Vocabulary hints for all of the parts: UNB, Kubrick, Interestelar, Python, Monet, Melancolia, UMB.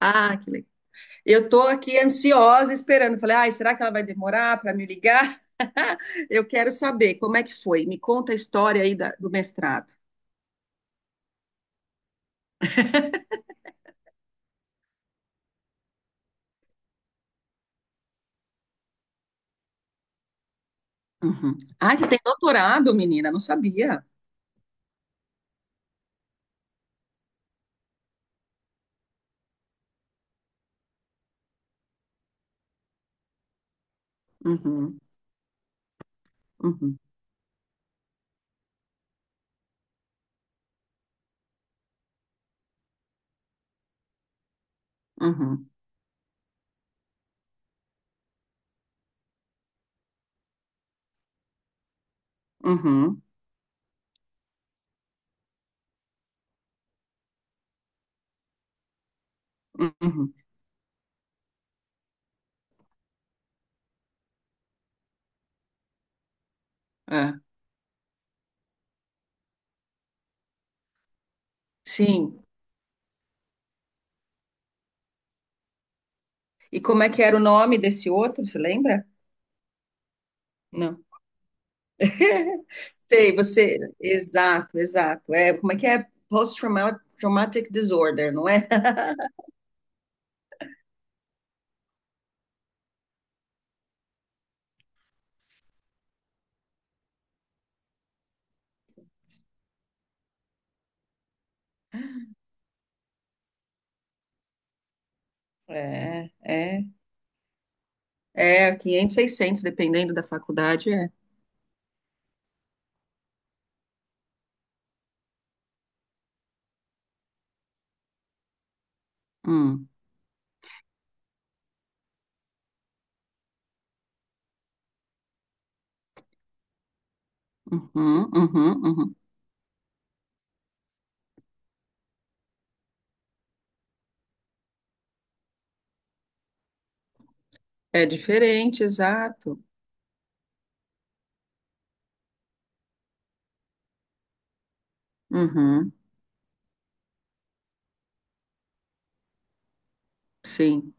Ah, que legal. Eu tô aqui ansiosa esperando. Falei, ai, será que ela vai demorar para me ligar? Eu quero saber como é que foi. Me conta a história aí do mestrado. Uhum. Ah, você tem doutorado, menina? Não sabia. Uhum, uhum, uhum, uhum, uhum. É. Sim. E como é que era o nome desse outro? Você lembra? Não. Sei, você. Exato, exato. É, como é que é? Post-traumatic disorder, não é? É, é. É, 500, 600, dependendo da faculdade, é. Hum, uhum, uhum, uhum. É diferente, exato. Uhum, sim.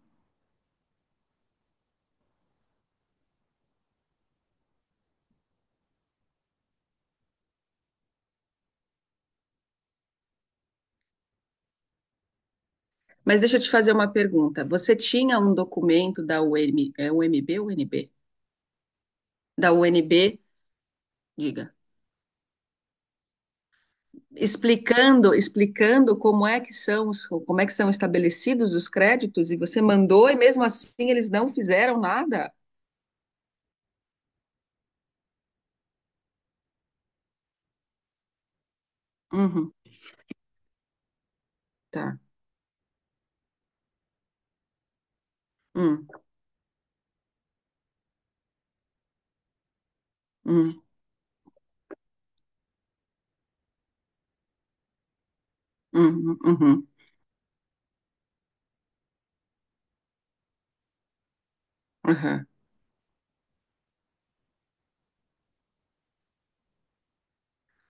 Mas deixa eu te fazer uma pergunta. Você tinha um documento da UM, é UMB ou UNB? Da UNB, diga, explicando, explicando como é que são estabelecidos os créditos e você mandou e mesmo assim eles não fizeram nada? Uhum, tá. Hum, hum, uhum, uhum, uhum.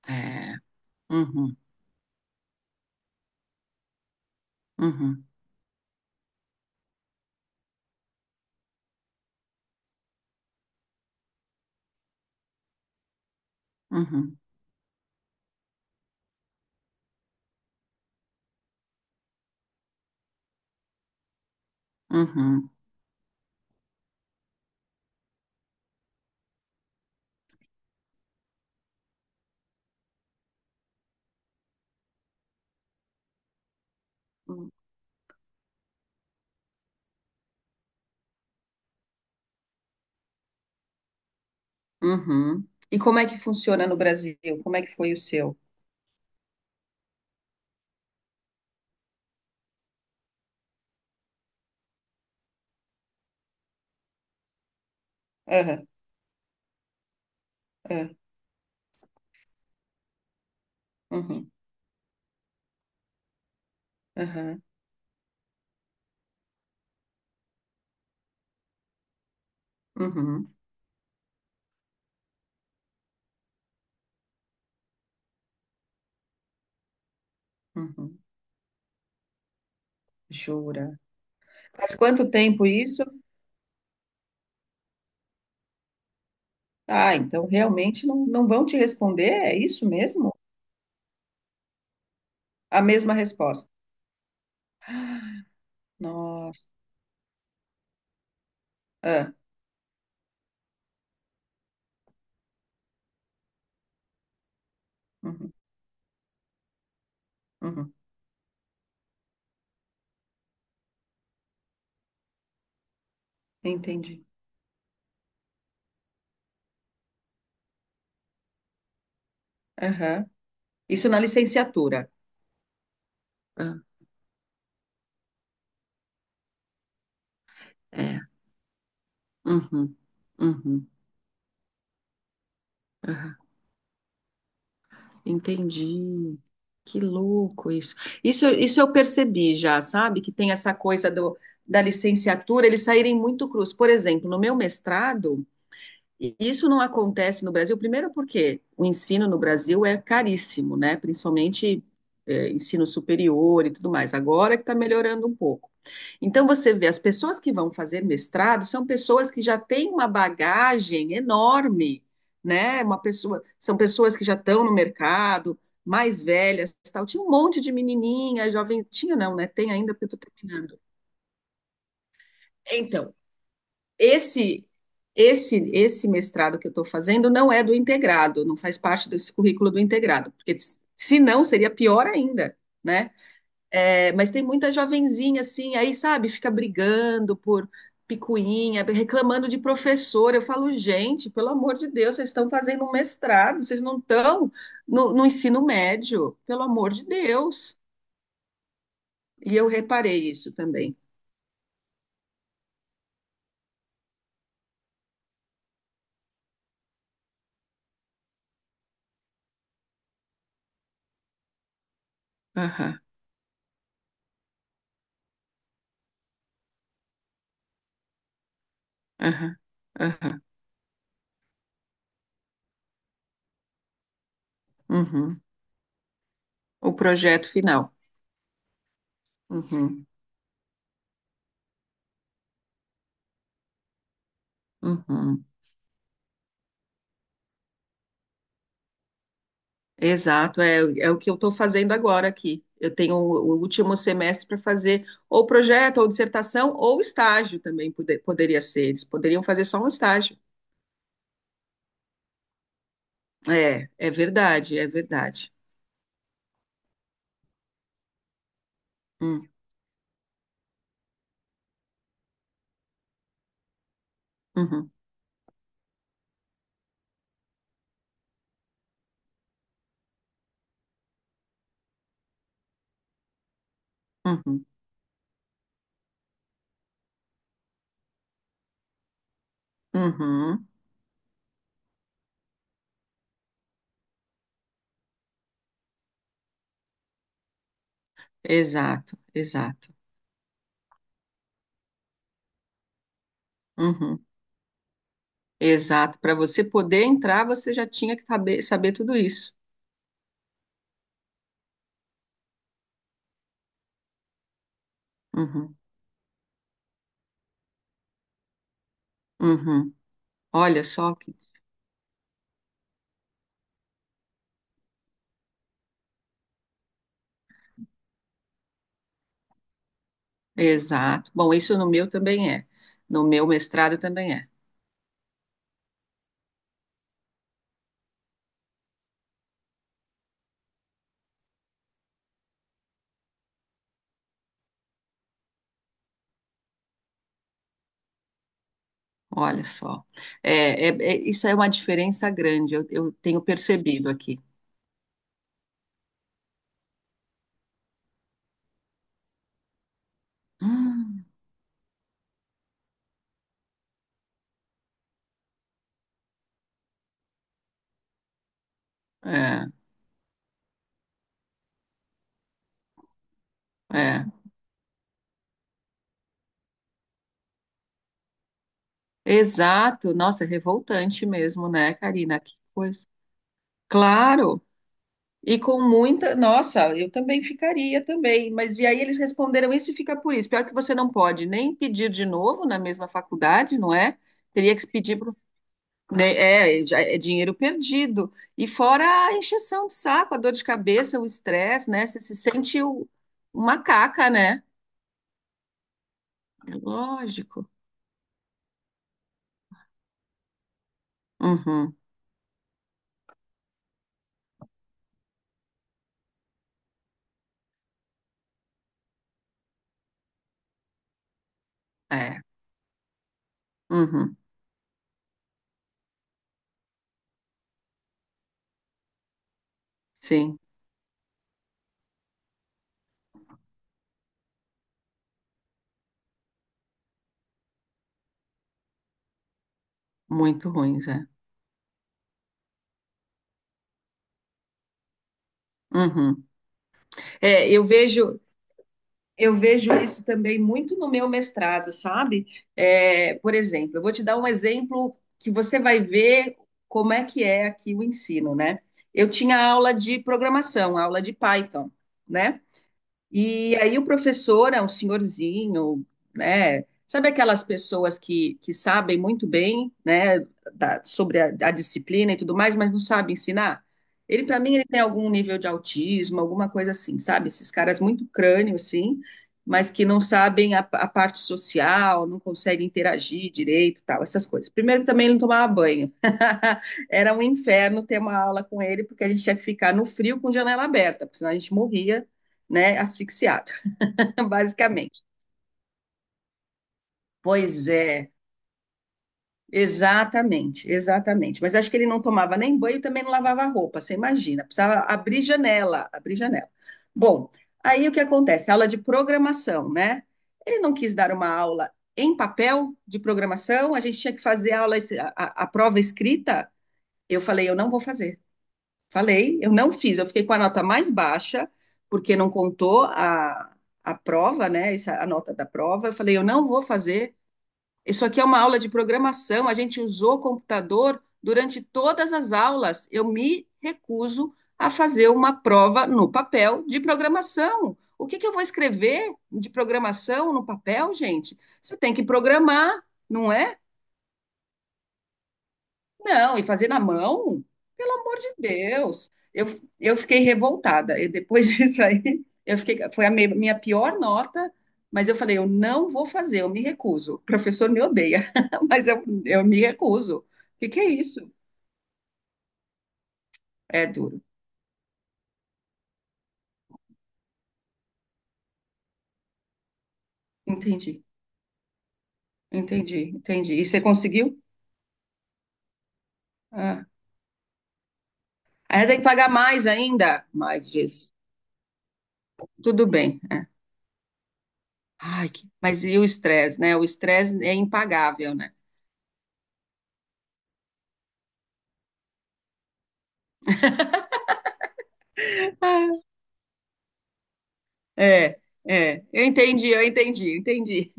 É, uhum, uhum. Uhum, uhum, uhum. E como é que funciona no Brasil? Como é que foi o seu? Aham, ah, uhum, aham, uhum, uhum. Jura? Faz quanto tempo isso? Ah, então realmente não, não vão te responder? É isso mesmo? A mesma resposta. Nossa. Ah, uhum, uhum. Entendi. Aham. Isso na licenciatura. Ah, é. Uhum, uhum, aham. Entendi. Que louco isso. Isso eu percebi já, sabe? Que tem essa coisa do, da licenciatura, eles saírem muito cruz. Por exemplo, no meu mestrado, e isso não acontece no Brasil, primeiro porque o ensino no Brasil é caríssimo, né? Principalmente ensino superior e tudo mais. Agora que está melhorando um pouco. Então você vê, as pessoas que vão fazer mestrado são pessoas que já têm uma bagagem enorme, né? Uma pessoa, são pessoas que já estão no mercado, mais velhas, tal. Tinha um monte de menininha, jovem, tinha não, né? Tem ainda porque eu estou terminando. Então, esse, esse mestrado que eu estou fazendo não é do integrado, não faz parte desse currículo do integrado, porque se não seria pior ainda, né? É, mas tem muita jovenzinha assim, aí sabe, fica brigando por picuinha, reclamando de professor. Eu falo, gente, pelo amor de Deus, vocês estão fazendo um mestrado, vocês não estão no ensino médio, pelo amor de Deus. E eu reparei isso também. Aham, aham, aham. Uhum. O projeto final. Uhum, uhum. Exato, é, é o que eu estou fazendo agora aqui. Eu tenho o último semestre para fazer ou projeto, ou dissertação, ou estágio também poderia ser. Eles poderiam fazer só um estágio. É, é verdade, é verdade. Hum, uhum, uhum, uhum. Exato, exato. Uhum, exato. Para você poder entrar, você já tinha que saber, saber tudo isso. Uhum, uhum. Olha só que. Exato. Bom, isso no meu também é. No meu mestrado também é. Olha só. É, isso é uma diferença grande, eu tenho percebido aqui. Hum. É, é. Exato. Nossa, é revoltante mesmo, né, Karina? Que coisa. Claro. E com muita. Nossa, eu também ficaria também. Mas e aí eles responderam isso e fica por isso. Pior que você não pode nem pedir de novo na mesma faculdade, não é? Teria que pedir para né, é, já é dinheiro perdido. E fora a encheção de saco, a dor de cabeça, o estresse, né? Você se sente uma caca, né? Lógico. Uhum, é. Uhum, sim, muito ruins, é. Uhum. É, eu vejo isso também muito no meu mestrado, sabe? É, por exemplo, eu vou te dar um exemplo que você vai ver como é que é aqui o ensino, né? Eu tinha aula de programação, aula de Python, né? E aí o professor é um senhorzinho, né? Sabe aquelas pessoas que sabem muito bem, né, sobre a disciplina e tudo mais, mas não sabem ensinar? Ele, para mim, ele tem algum nível de autismo, alguma coisa assim, sabe? Esses caras muito crânio, assim, mas que não sabem a parte social, não conseguem interagir direito, tal, essas coisas. Primeiro que também ele não tomava banho. Era um inferno ter uma aula com ele, porque a gente tinha que ficar no frio com janela aberta, porque senão a gente morria né, asfixiado, basicamente. Pois é, exatamente, exatamente. Mas acho que ele não tomava nem banho e também não lavava roupa, você imagina. Precisava abrir janela, abrir janela. Bom, aí o que acontece? Aula de programação, né? Ele não quis dar uma aula em papel de programação, a gente tinha que fazer a aula, a prova escrita. Eu falei, eu não vou fazer. Falei, eu não fiz, eu fiquei com a nota mais baixa, porque não contou a prova, né? Essa, a nota da prova. Eu falei, eu não vou fazer. Isso aqui é uma aula de programação, a gente usou computador durante todas as aulas. Eu me recuso a fazer uma prova no papel de programação. O que que eu vou escrever de programação no papel, gente? Você tem que programar, não é? Não, e fazer na mão? Pelo amor de Deus. Eu fiquei revoltada. E depois disso aí, eu fiquei, foi a minha pior nota, mas eu falei, eu não vou fazer, eu me recuso. O professor me odeia, mas eu me recuso. O que que é isso? É duro. Entendi, entendi, entendi. E você conseguiu? Ah. Aí tem que pagar mais ainda? Mais disso. Tudo bem. É. Ai, que- mas e o estresse, né? O estresse é impagável, né? Ah, é, é, eu entendi, eu entendi, eu entendi.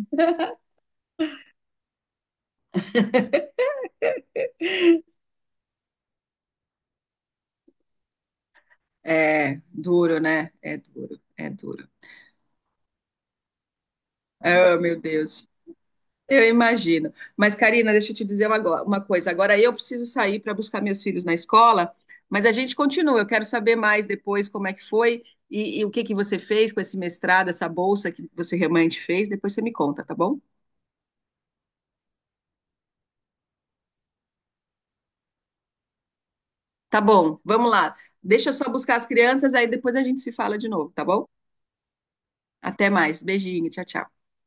É duro, né? É duro, é duro. Ah, meu Deus, eu imagino. Mas, Karina, deixa eu te dizer uma, uma coisa. Agora eu preciso sair para buscar meus filhos na escola, mas a gente continua. Eu quero saber mais depois como é que foi e o que que você fez com esse mestrado, essa bolsa que você realmente fez. Depois você me conta, tá bom? Tá bom, vamos lá. Deixa eu só buscar as crianças, aí depois a gente se fala de novo, tá bom? Até mais. Beijinho, tchau, tchau.